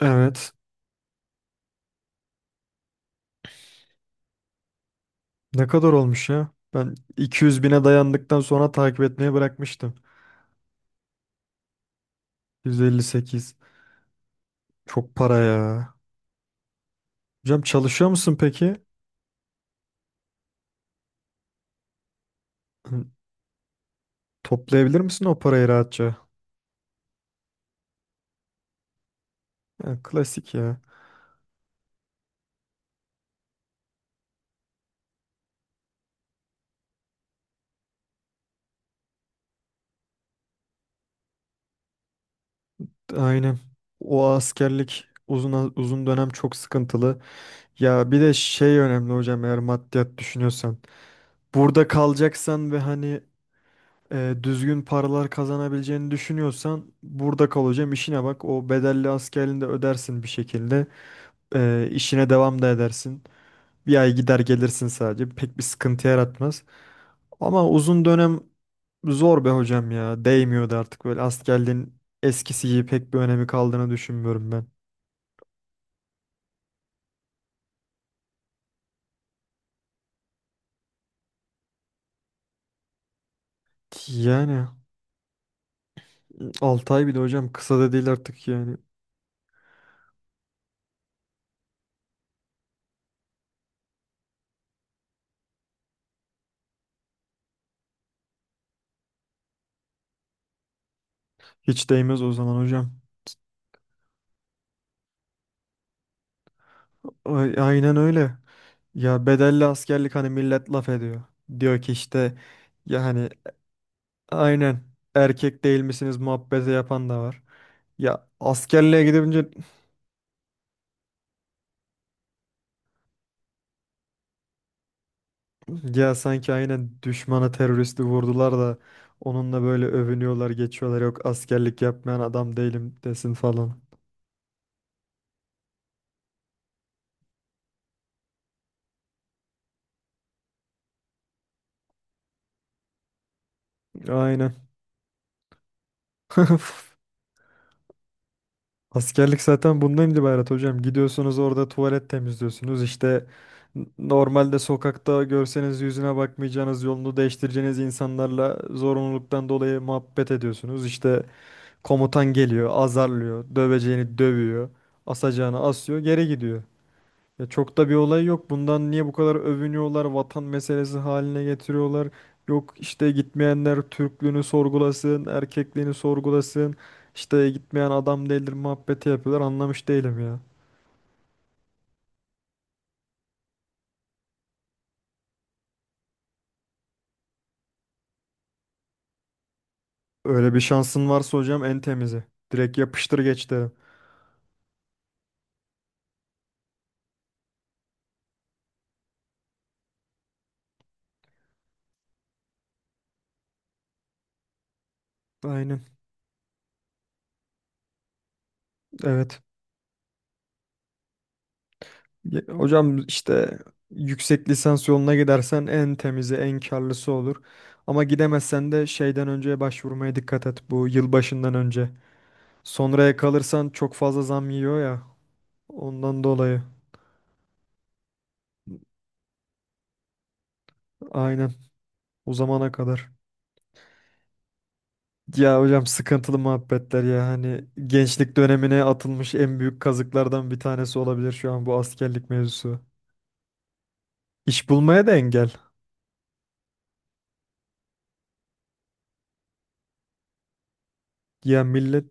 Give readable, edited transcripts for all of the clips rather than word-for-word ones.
Evet. Ne kadar olmuş ya? Ben 200 bine dayandıktan sonra takip etmeye bırakmıştım. 158. Çok para ya. Hocam çalışıyor musun peki? Hı, toplayabilir misin o parayı rahatça? Ya, klasik ya. Aynen. O askerlik uzun dönem çok sıkıntılı. Ya bir de şey önemli hocam eğer maddiyat düşünüyorsan. Burada kalacaksan ve hani düzgün paralar kazanabileceğini düşünüyorsan burada kal hocam işine bak. O bedelli askerliğini de ödersin bir şekilde. İşine devam da edersin. Bir ay gider gelirsin sadece. Pek bir sıkıntı yaratmaz. Ama uzun dönem zor be hocam ya. Değmiyordu artık böyle askerliğin eskisi gibi pek bir önemi kaldığını düşünmüyorum ben. Yani 6 ay bir de hocam kısa da değil artık yani. Hiç değmez o zaman hocam. Aynen öyle. Ya bedelli askerlik hani millet laf ediyor. Diyor ki işte ya hani aynen erkek değil misiniz muhabbeti yapan da var. Ya askerliğe gidince ya sanki aynen düşmana teröristi vurdular da onunla böyle övünüyorlar geçiyorlar, yok askerlik yapmayan adam değilim desin falan. Aynen. Askerlik zaten bundan ibaret hocam. Gidiyorsunuz orada tuvalet temizliyorsunuz. İşte normalde sokakta görseniz yüzüne bakmayacağınız, yolunu değiştireceğiniz insanlarla zorunluluktan dolayı muhabbet ediyorsunuz. İşte komutan geliyor, azarlıyor, döveceğini dövüyor, asacağını asıyor, geri gidiyor. Ya çok da bir olay yok. Bundan niye bu kadar övünüyorlar? Vatan meselesi haline getiriyorlar. Yok işte gitmeyenler Türklüğünü sorgulasın, erkekliğini sorgulasın. İşte gitmeyen adam değildir muhabbeti yapıyorlar. Anlamış değilim ya. Öyle bir şansın varsa hocam en temizi. Direkt yapıştır geç derim. Aynen. Evet. Hocam işte yüksek lisans yoluna gidersen en temizi, en karlısı olur. Ama gidemezsen de şeyden önce başvurmaya dikkat et. Bu yılbaşından önce. Sonraya kalırsan çok fazla zam yiyor ya. Ondan dolayı. Aynen. O zamana kadar. Ya hocam sıkıntılı muhabbetler ya. Hani gençlik dönemine atılmış en büyük kazıklardan bir tanesi olabilir şu an bu askerlik mevzusu. İş bulmaya da engel. Ya millet.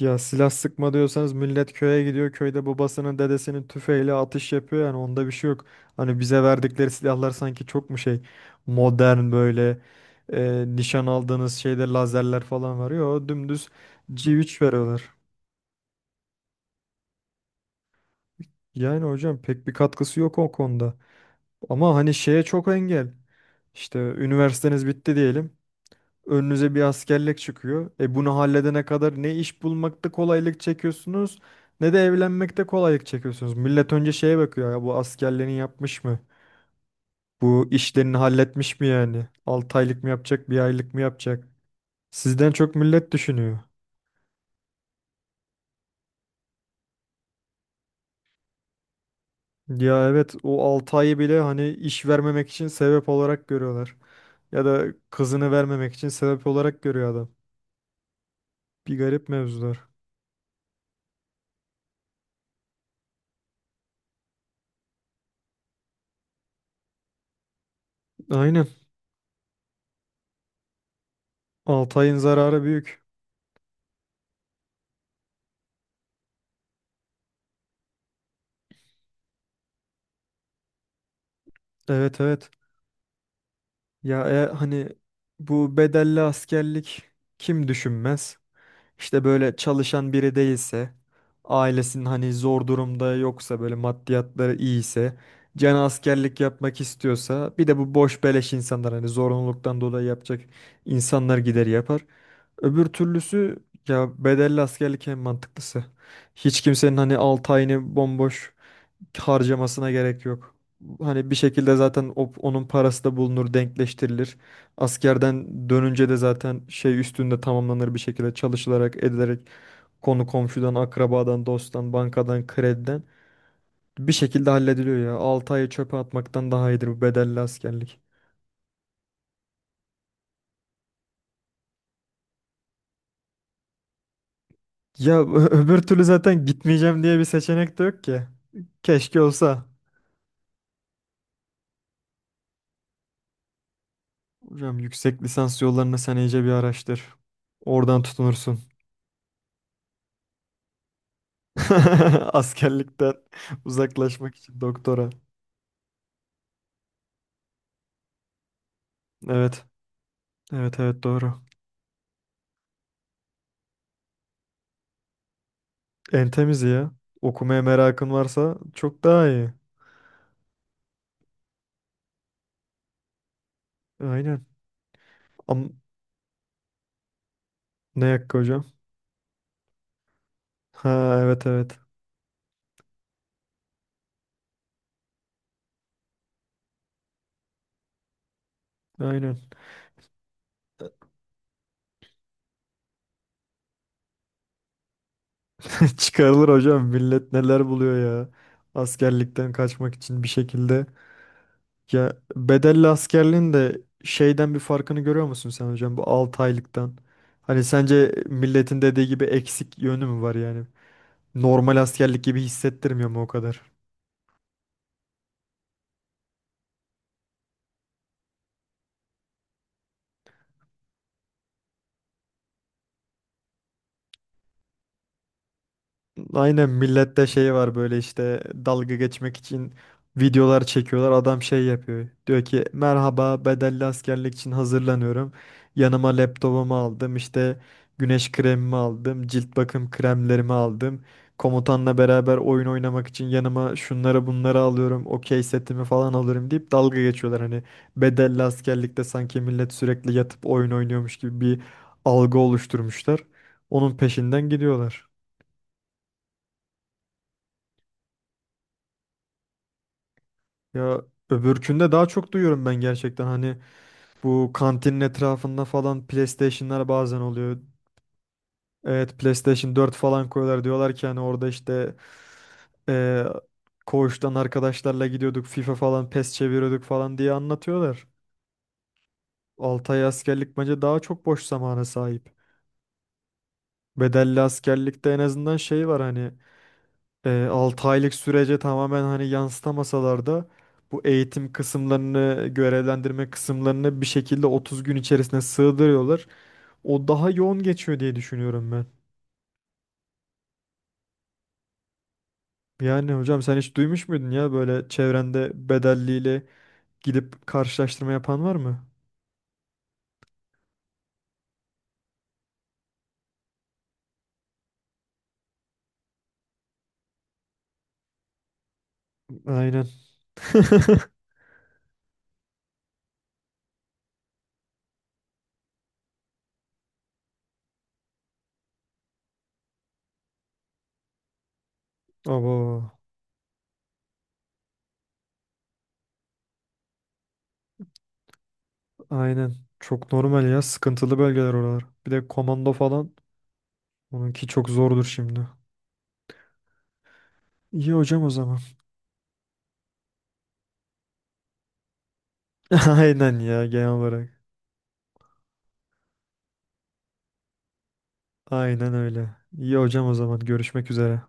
Ya silah sıkma diyorsanız millet köye gidiyor. Köyde babasının dedesinin tüfeğiyle atış yapıyor yani onda bir şey yok. Hani bize verdikleri silahlar sanki çok mu şey modern, böyle nişan aldığınız şeyde lazerler falan var. Yo dümdüz c üç veriyorlar. Yani hocam pek bir katkısı yok o konuda. Ama hani şeye çok engel. İşte üniversiteniz bitti diyelim. Önünüze bir askerlik çıkıyor. E bunu halledene kadar ne iş bulmakta kolaylık çekiyorsunuz ne de evlenmekte kolaylık çekiyorsunuz. Millet önce şeye bakıyor ya, bu askerliğini yapmış mı? Bu işlerini halletmiş mi yani? 6 aylık mı yapacak, bir aylık mı yapacak? Sizden çok millet düşünüyor. Ya evet o 6 ayı bile hani iş vermemek için sebep olarak görüyorlar. Ya da kızını vermemek için sebep olarak görüyor adam. Bir garip mevzular. Aynen. 6 ayın zararı büyük. Evet, evet. Ya hani bu bedelli askerlik kim düşünmez? İşte böyle çalışan biri değilse, ailesinin hani zor durumda yoksa, böyle maddiyatları iyiyse, canı askerlik yapmak istiyorsa, bir de bu boş beleş insanlar hani zorunluluktan dolayı yapacak insanlar gider yapar. Öbür türlüsü, ya bedelli askerlik en mantıklısı. Hiç kimsenin hani 6 ayını bomboş harcamasına gerek yok. Hani bir şekilde zaten onun parası da bulunur, denkleştirilir. Askerden dönünce de zaten şey üstünde tamamlanır bir şekilde çalışılarak, edilerek konu komşudan, akrabadan, dosttan, bankadan, krediden bir şekilde hallediliyor ya. 6 ayı çöpe atmaktan daha iyidir bu bedelli askerlik. Ya öbür türlü zaten gitmeyeceğim diye bir seçenek de yok ki. Keşke olsa. Hocam yüksek lisans yollarını sen iyice bir araştır. Oradan tutunursun. Askerlikten uzaklaşmak için doktora. Evet. Evet, evet, doğru. En temizi ya. Okumaya merakın varsa çok daha iyi. Aynen. Am Ne yakka hocam? Ha, evet, evet. Aynen. Çıkarılır hocam. Millet neler buluyor ya. Askerlikten kaçmak için bir şekilde. Ya bedelli askerliğin de şeyden bir farkını görüyor musun sen hocam? Bu 6 aylıktan. Hani sence milletin dediği gibi eksik yönü mü var yani? Normal askerlik gibi hissettirmiyor mu o kadar? Aynen, millette şey var, böyle işte dalga geçmek için videolar çekiyorlar. Adam şey yapıyor. Diyor ki merhaba, bedelli askerlik için hazırlanıyorum. Yanıma laptopumu aldım, işte güneş kremimi aldım. Cilt bakım kremlerimi aldım. Komutanla beraber oyun oynamak için yanıma şunları bunları alıyorum. Okey setimi falan alırım deyip dalga geçiyorlar. Hani bedelli askerlikte sanki millet sürekli yatıp oyun oynuyormuş gibi bir algı oluşturmuşlar. Onun peşinden gidiyorlar. Ya öbürkünde daha çok duyuyorum ben gerçekten, hani bu kantinin etrafında falan PlayStation'lar bazen oluyor. Evet, PlayStation 4 falan koyuyorlar, diyorlar ki hani orada işte eee koğuştan arkadaşlarla gidiyorduk, FIFA falan PES çeviriyorduk falan diye anlatıyorlar. 6 ay askerlik bence daha çok boş zamana sahip. Bedelli askerlikte en azından şey var hani 6 aylık sürece tamamen hani yansıtamasalar da bu eğitim kısımlarını, görevlendirme kısımlarını bir şekilde 30 gün içerisine sığdırıyorlar. O daha yoğun geçiyor diye düşünüyorum ben. Yani hocam sen hiç duymuş muydun ya böyle çevrende bedelliyle gidip karşılaştırma yapan var mı? Aynen. Abo, aynen. Çok normal ya. Sıkıntılı bölgeler oralar. Bir de komando falan. Onunki çok zordur şimdi. İyi hocam o zaman. Aynen ya, genel olarak. Aynen öyle. İyi hocam o zaman, görüşmek üzere.